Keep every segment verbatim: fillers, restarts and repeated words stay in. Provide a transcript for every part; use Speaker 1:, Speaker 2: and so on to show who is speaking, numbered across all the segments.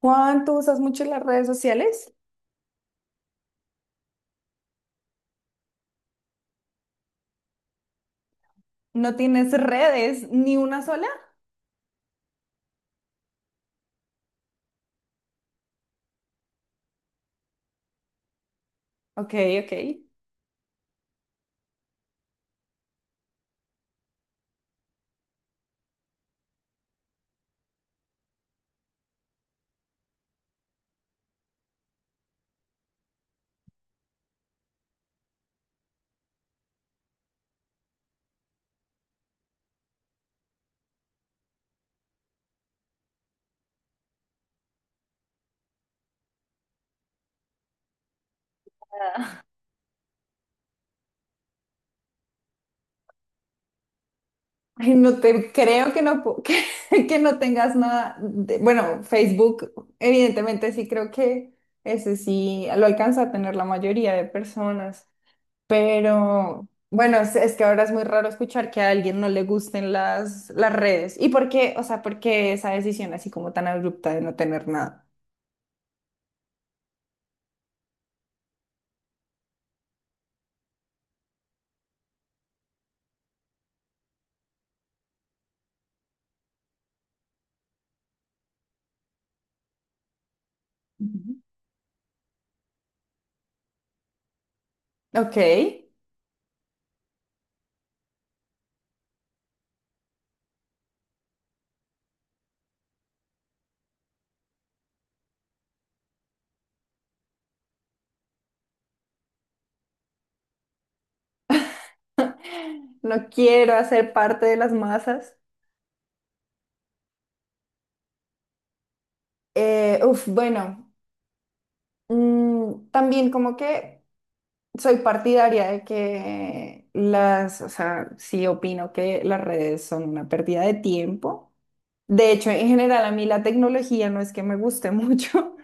Speaker 1: Juan, ¿tú usas mucho las redes sociales? ¿No tienes redes ni una sola? Ok, ok. Ay, no te creo que no, pu- que, que no tengas nada. De- bueno, Facebook, evidentemente sí creo que ese sí lo alcanza a tener la mayoría de personas. Pero bueno, es, es que ahora es muy raro escuchar que a alguien no le gusten las, las redes. ¿Y por qué? O sea, ¿por qué esa decisión así como tan abrupta de no tener nada? Ujú. Ok. No quiero hacer parte de las masas. Eh, uf, bueno, mm, también como que soy partidaria de que las, o sea, sí opino que las redes son una pérdida de tiempo. De hecho, en general a mí la tecnología no es que me guste mucho,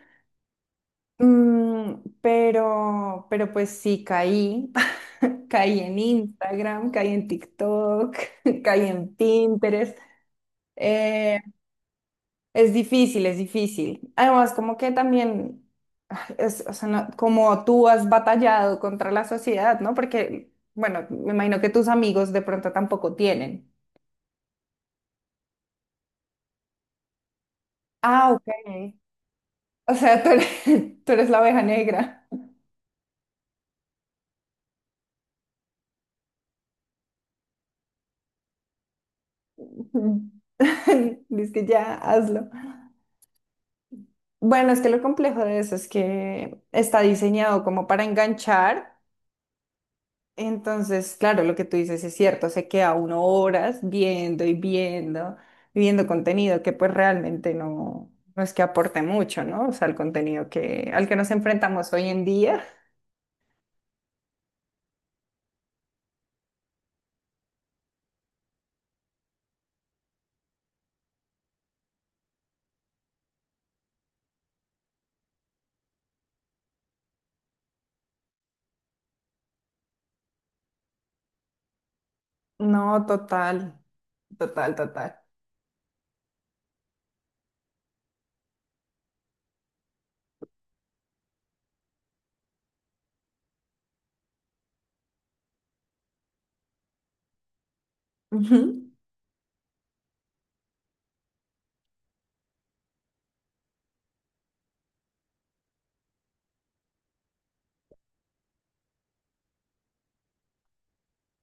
Speaker 1: mm, pero, pero pues sí caí. Caí en Instagram, caí en TikTok, caí en Pinterest. eh, Es difícil, es difícil. Además, como que también, ah, es, o sea, no- como tú has batallado contra la sociedad, ¿no? Porque, bueno, me imagino que tus amigos de pronto tampoco tienen. Ah, ok. O sea, tú eres, tú eres la oveja negra. Dices que ya, hazlo. Bueno, es que lo complejo de eso es que está diseñado como para enganchar. Entonces, claro, lo que tú dices es cierto, se queda uno horas viendo y viendo, y viendo contenido que pues realmente no, no es que aporte mucho, ¿no? O sea, el contenido que, al que nos enfrentamos hoy en día. No, total, total, total. Ujú.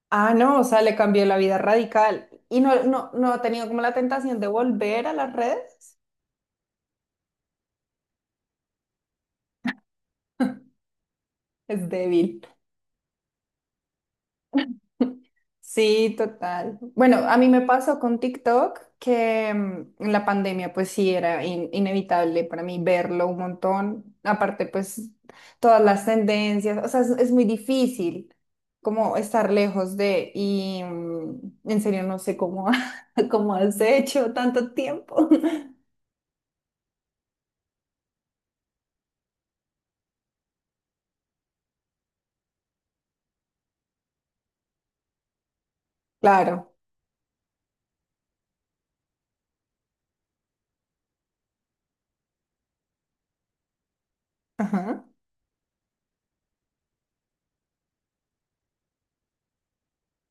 Speaker 1: Ah, no, o sea, le cambió la vida radical. Y no, no, no ha tenido como la tentación de volver a las redes. Es débil. Sí, total. Bueno, a mí me pasó con TikTok que mm, en la pandemia pues sí era in- inevitable para mí verlo un montón. Aparte pues todas las tendencias, o sea, es, es muy difícil como estar lejos de y mm, en serio no sé cómo, cómo has hecho tanto tiempo. Claro, ajá,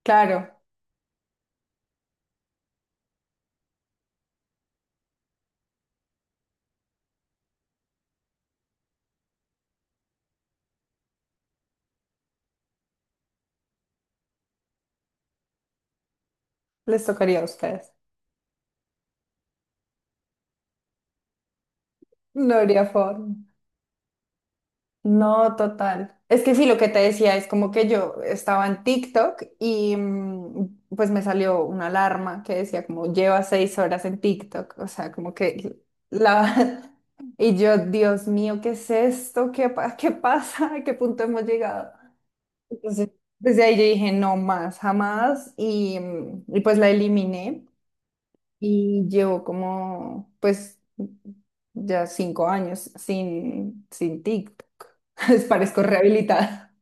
Speaker 1: claro, les tocaría a ustedes. No habría forma. No, total. Es que sí, lo que te decía es como que yo estaba en TikTok y mm, pues me salió una alarma que decía como lleva seis horas en TikTok, o sea, como que la... Y yo, Dios mío, ¿qué es esto? ¿Qué, pa- qué pasa? ¿A qué punto hemos llegado? Entonces, desde ahí yo dije, no más, jamás, y, mm, y pues la eliminé. Y llevo como, pues, ya cinco años sin, sin TikTok. Les parezco rehabilitada.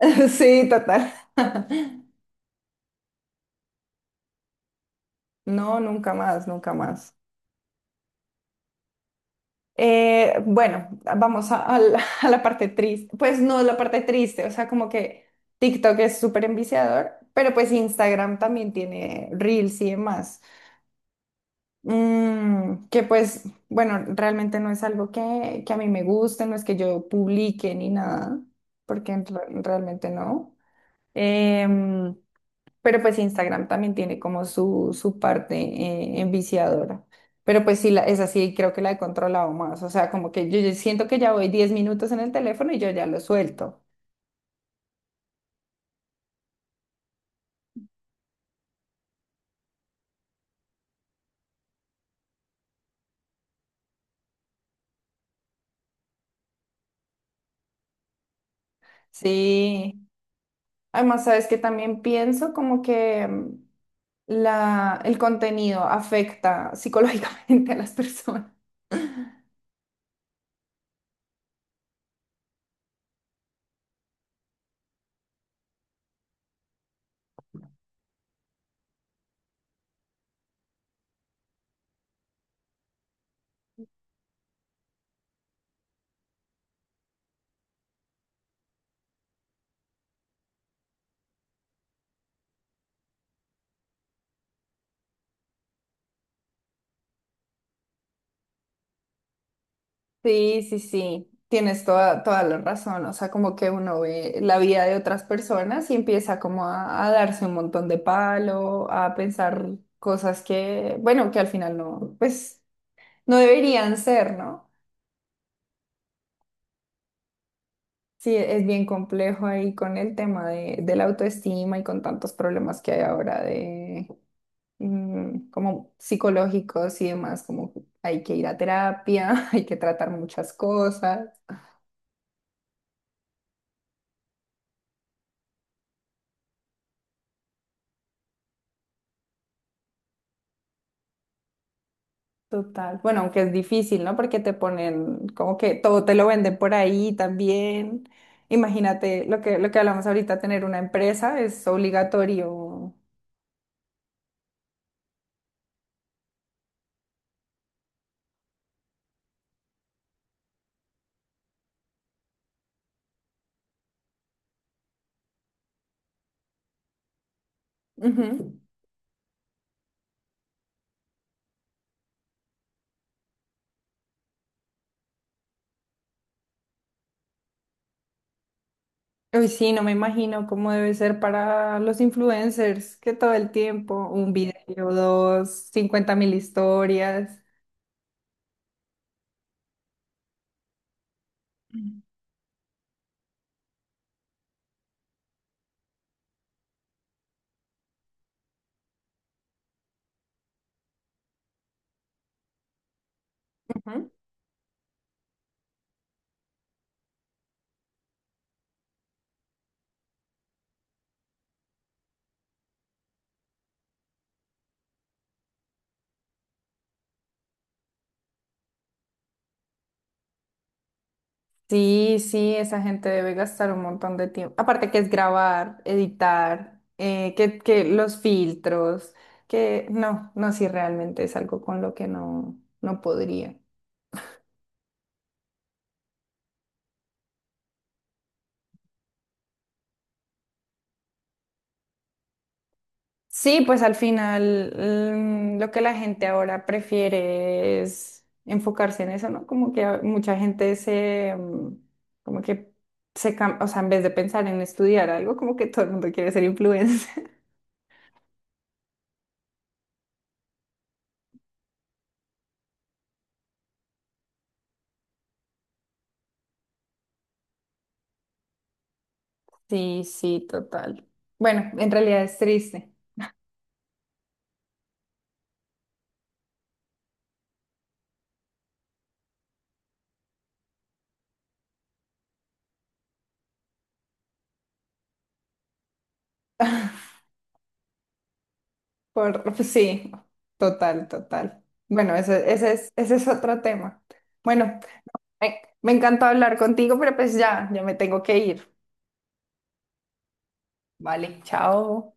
Speaker 1: Sí, total. No, nunca más, nunca más. Eh, bueno, vamos a, a la, a la parte triste. Pues no es la parte triste, o sea, como que TikTok es súper enviciador, pero pues Instagram también tiene Reels y demás. Mm, que pues, bueno, realmente no es algo que, que a mí me guste, no es que yo publique ni nada, porque en re- realmente no. Em, pero pues Instagram también tiene como su, su parte eh, enviciadora. Pero pues sí, la, es así, creo que la he controlado más. O sea, como que yo, yo siento que ya voy diez minutos en el teléfono y yo ya lo suelto. Sí. Además, sabes que también pienso como que mm, la, el contenido afecta psicológicamente a las personas. Sí, sí, sí, tienes toda, toda la razón. O sea, como que uno ve la vida de otras personas y empieza como a, a darse un montón de palo, a pensar cosas que, bueno, que al final no, pues no deberían ser, ¿no? Sí, es bien complejo ahí con el tema de, de la autoestima y con tantos problemas que hay ahora mm, como psicológicos y demás, como que hay que ir a terapia, hay que tratar muchas cosas. Total. Bueno, aunque es difícil, ¿no? Porque te ponen como que todo te lo venden por ahí también. Imagínate lo que, lo que hablamos ahorita, tener una empresa es obligatorio. Ujú. Uy, sí, no me imagino cómo debe ser para los influencers, que todo el tiempo, un video, dos, cincuenta mil historias. Ujú. Sí, sí, esa gente debe gastar un montón de tiempo. Aparte que es grabar, editar, eh, que, que los filtros, que no, no, sí, realmente es algo con lo que no, no podría. Sí, pues al final mm, lo que la gente ahora prefiere es enfocarse en eso, ¿no? Como que a- mucha gente se, mm, como que se, cam- o sea, en vez de pensar en estudiar algo, como que todo el mundo quiere ser influencer. Sí, sí, total. Bueno, en realidad es triste. Por, sí, total, total. Bueno, ese, ese es, ese es otro tema. Bueno, me, me encantó hablar contigo, pero pues ya, ya me tengo que ir. Vale, chao.